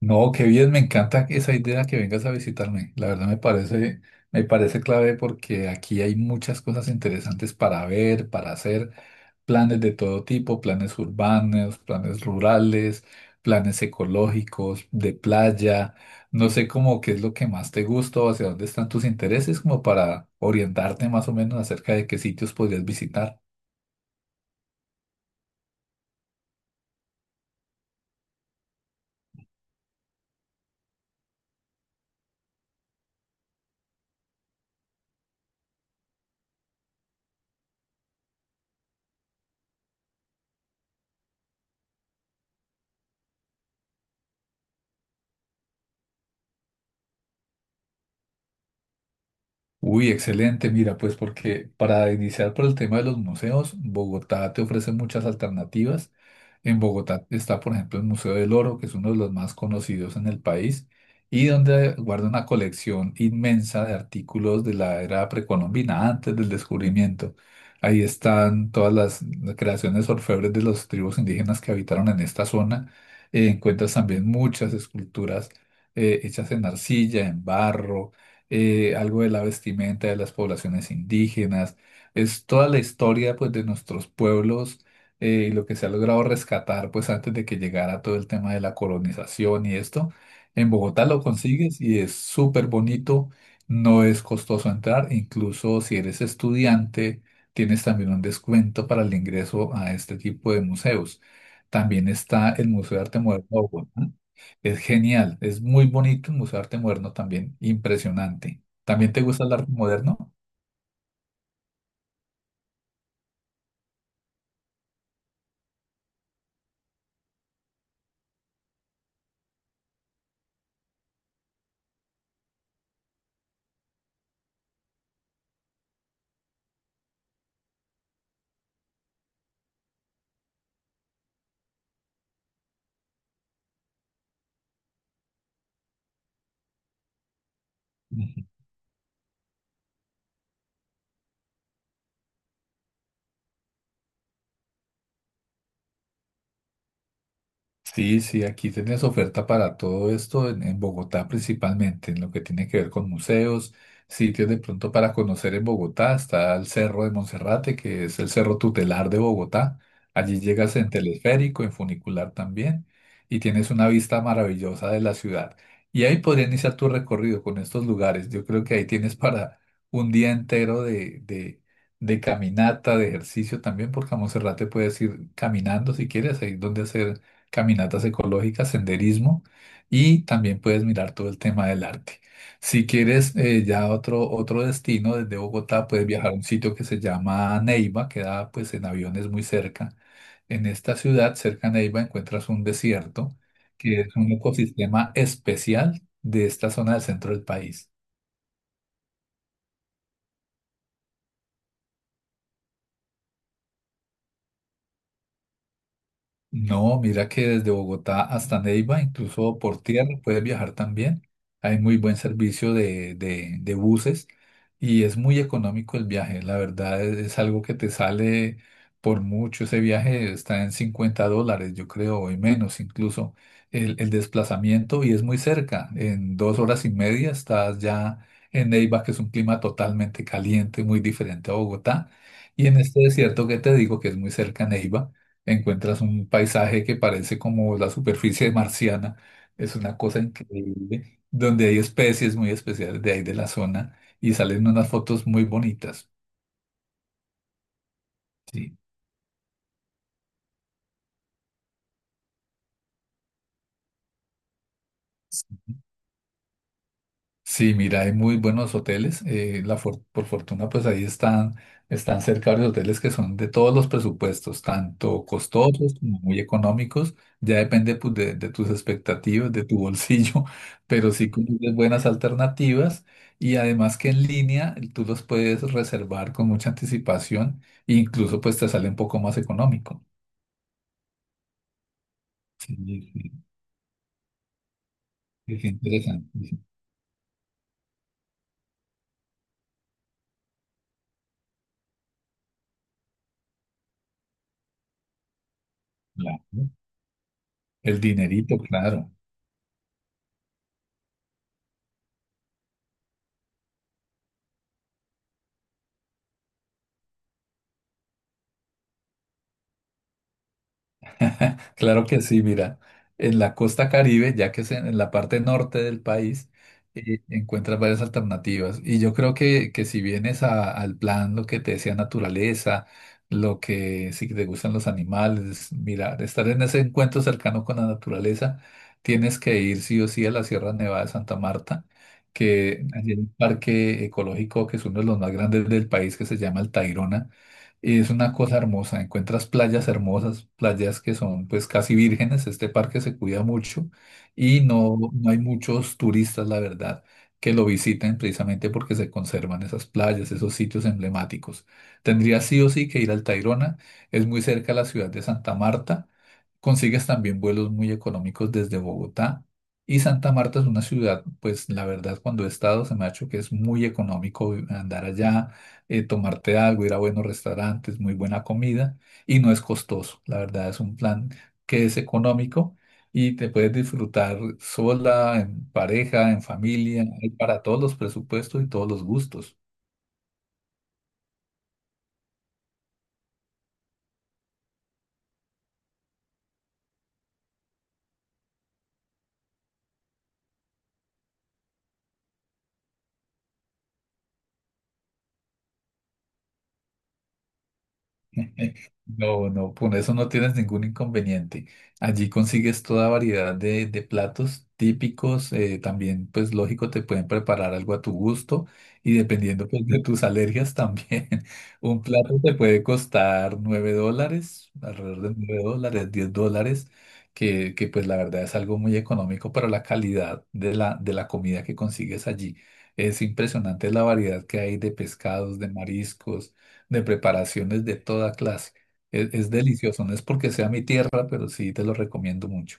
No, qué bien, me encanta esa idea que vengas a visitarme. La verdad me parece clave porque aquí hay muchas cosas interesantes para ver, para hacer, planes de todo tipo, planes urbanos, planes rurales, planes ecológicos, de playa. No sé cómo qué es lo que más te gusta o hacia dónde están tus intereses, como para orientarte más o menos acerca de qué sitios podrías visitar. Uy, excelente. Mira, pues porque para iniciar por el tema de los museos, Bogotá te ofrece muchas alternativas. En Bogotá está, por ejemplo, el Museo del Oro, que es uno de los más conocidos en el país y donde guarda una colección inmensa de artículos de la era precolombina, antes del descubrimiento. Ahí están todas las creaciones orfebres de las tribus indígenas que habitaron en esta zona. Encuentras también muchas esculturas hechas en arcilla, en barro, algo de la vestimenta de las poblaciones indígenas, es toda la historia pues de nuestros pueblos, y lo que se ha logrado rescatar pues antes de que llegara todo el tema de la colonización y esto. En Bogotá lo consigues y es súper bonito, no es costoso entrar, incluso si eres estudiante tienes también un descuento para el ingreso a este tipo de museos. También está el Museo de Arte Moderno de Bogotá. Es genial, es muy bonito el Museo de Arte Moderno también, impresionante. ¿También te gusta el arte moderno? Sí, sí, aquí tenés oferta para todo esto en Bogotá principalmente, en lo que tiene que ver con museos, sitios de pronto para conocer en Bogotá, está el Cerro de Monserrate, que es el cerro tutelar de Bogotá. Allí llegas en teleférico, en funicular también, y tienes una vista maravillosa de la ciudad. Y ahí podría iniciar tu recorrido con estos lugares. Yo creo que ahí tienes para un día entero de caminata, de ejercicio también, porque a Monserrate puedes ir caminando si quieres, ahí es donde hacer caminatas ecológicas, senderismo y también puedes mirar todo el tema del arte. Si quieres ya otro, otro destino desde Bogotá, puedes viajar a un sitio que se llama Neiva, queda pues en aviones muy cerca. En esta ciudad, cerca a Neiva, encuentras un desierto que es un ecosistema especial de esta zona del centro del país. No, mira que desde Bogotá hasta Neiva, incluso por tierra, puedes viajar también. Hay muy buen servicio de buses y es muy económico el viaje. La verdad es algo que te sale por mucho. Ese viaje está en $50, yo creo, o en menos incluso el desplazamiento y es muy cerca. En dos horas y media estás ya en Neiva, que es un clima totalmente caliente, muy diferente a Bogotá. Y en este desierto que te digo, que es muy cerca a Neiva encuentras un paisaje que parece como la superficie marciana, es una cosa increíble, donde hay especies muy especiales de ahí de la zona y salen unas fotos muy bonitas, sí. Sí, mira, hay muy buenos hoteles. Por fortuna, pues ahí están, están cerca varios hoteles que son de todos los presupuestos, tanto costosos como muy económicos. Ya depende pues, de tus expectativas, de tu bolsillo, pero sí conoces buenas alternativas. Y además que en línea tú los puedes reservar con mucha anticipación e incluso pues te sale un poco más económico. Sí, es interesante. Sí, claro. ¿No? El dinerito, claro. Claro que sí, mira, en la costa Caribe, ya que es en la parte norte del país, encuentras varias alternativas. Y yo creo que si vienes al plan, lo que te decía naturaleza, lo que si te gustan los animales, mira, estar en ese encuentro cercano con la naturaleza, tienes que ir sí o sí a la Sierra Nevada de Santa Marta, que allí hay un parque ecológico que es uno de los más grandes del país, que se llama el Tayrona. Es una cosa hermosa, encuentras playas hermosas, playas que son pues casi vírgenes, este parque se cuida mucho y no, no hay muchos turistas, la verdad, que lo visiten precisamente porque se conservan esas playas, esos sitios emblemáticos. Tendrías sí o sí que ir al Tayrona, es muy cerca a la ciudad de Santa Marta. Consigues también vuelos muy económicos desde Bogotá y Santa Marta es una ciudad, pues la verdad cuando he estado se me ha hecho que es muy económico andar allá, tomarte algo, ir a buenos restaurantes, muy buena comida y no es costoso. La verdad es un plan que es económico y te puedes disfrutar sola, en pareja, en familia, hay para todos los presupuestos y todos los gustos. No, no, con eso no tienes ningún inconveniente. Allí consigues toda variedad de platos típicos. También, pues lógico, te pueden preparar algo a tu gusto y dependiendo pues, de tus alergias también. Un plato te puede costar $9, alrededor de $9, $10, que pues la verdad es algo muy económico para la calidad de la comida que consigues allí. Es impresionante la variedad que hay de pescados, de mariscos, de preparaciones de toda clase. Es delicioso, no es porque sea mi tierra, pero sí te lo recomiendo mucho.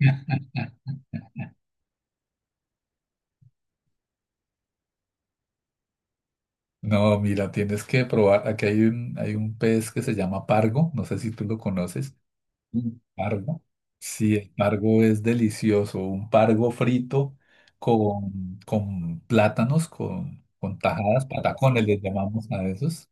No, mira, tienes que probar. Aquí hay hay un pez que se llama pargo, no sé si tú lo conoces. Mm. Pargo. Sí, el pargo es delicioso. Un pargo frito con plátanos, con tajadas, patacones les llamamos a esos.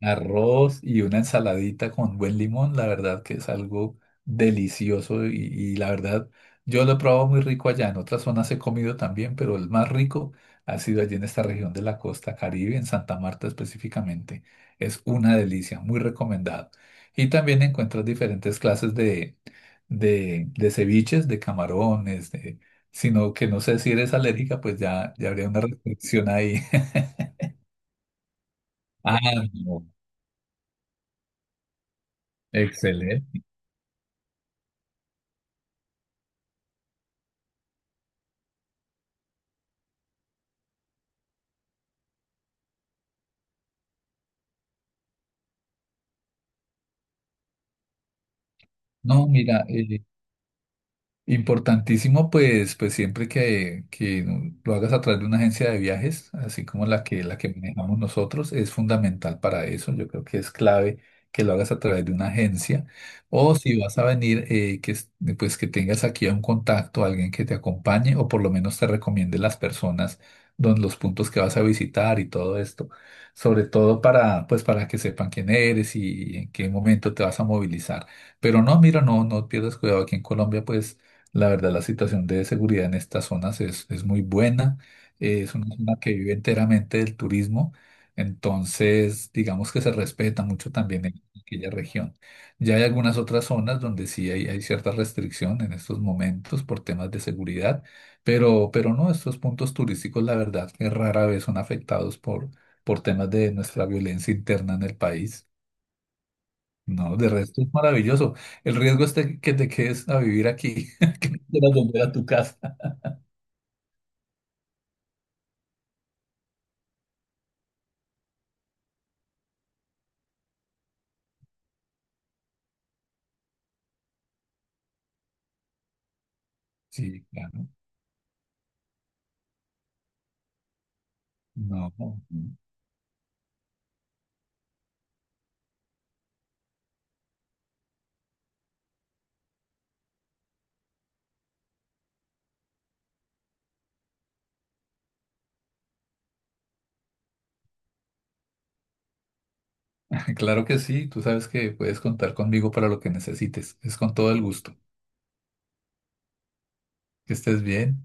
Arroz y una ensaladita con buen limón, la verdad que es algo delicioso y la verdad yo lo he probado muy rico allá. En otras zonas he comido también, pero el más rico ha sido allí en esta región de la costa Caribe, en Santa Marta específicamente. Es una delicia, muy recomendado. Y también encuentras diferentes clases de ceviches, de camarones, de, sino que no sé si eres alérgica, pues ya, ya habría una restricción ahí. Ah, no. Excelente. No, mira, importantísimo, pues, pues siempre que lo hagas a través de una agencia de viajes, así como la que manejamos nosotros, es fundamental para eso. Yo creo que es clave que lo hagas a través de una agencia. O si vas a venir, pues que tengas aquí a un contacto, alguien que te acompañe o por lo menos te recomiende las personas, los puntos que vas a visitar y todo esto. Sobre todo para, pues, para que sepan quién eres y en qué momento te vas a movilizar. Pero no, mira, no, no pierdas cuidado. Aquí en Colombia, pues la verdad, la situación de seguridad en estas zonas es muy buena. Es una zona que vive enteramente del turismo. Entonces, digamos que se respeta mucho también en aquella región. Ya hay algunas otras zonas donde sí hay cierta restricción en estos momentos por temas de seguridad, pero no, estos puntos turísticos, la verdad, que rara vez son afectados por temas de nuestra violencia interna en el país. No, de resto es maravilloso. El riesgo es de que te quedes a vivir aquí, quieras volver a tu casa. Sí, claro. No, claro que sí. Tú sabes que puedes contar conmigo para lo que necesites. Es con todo el gusto. Que estés bien.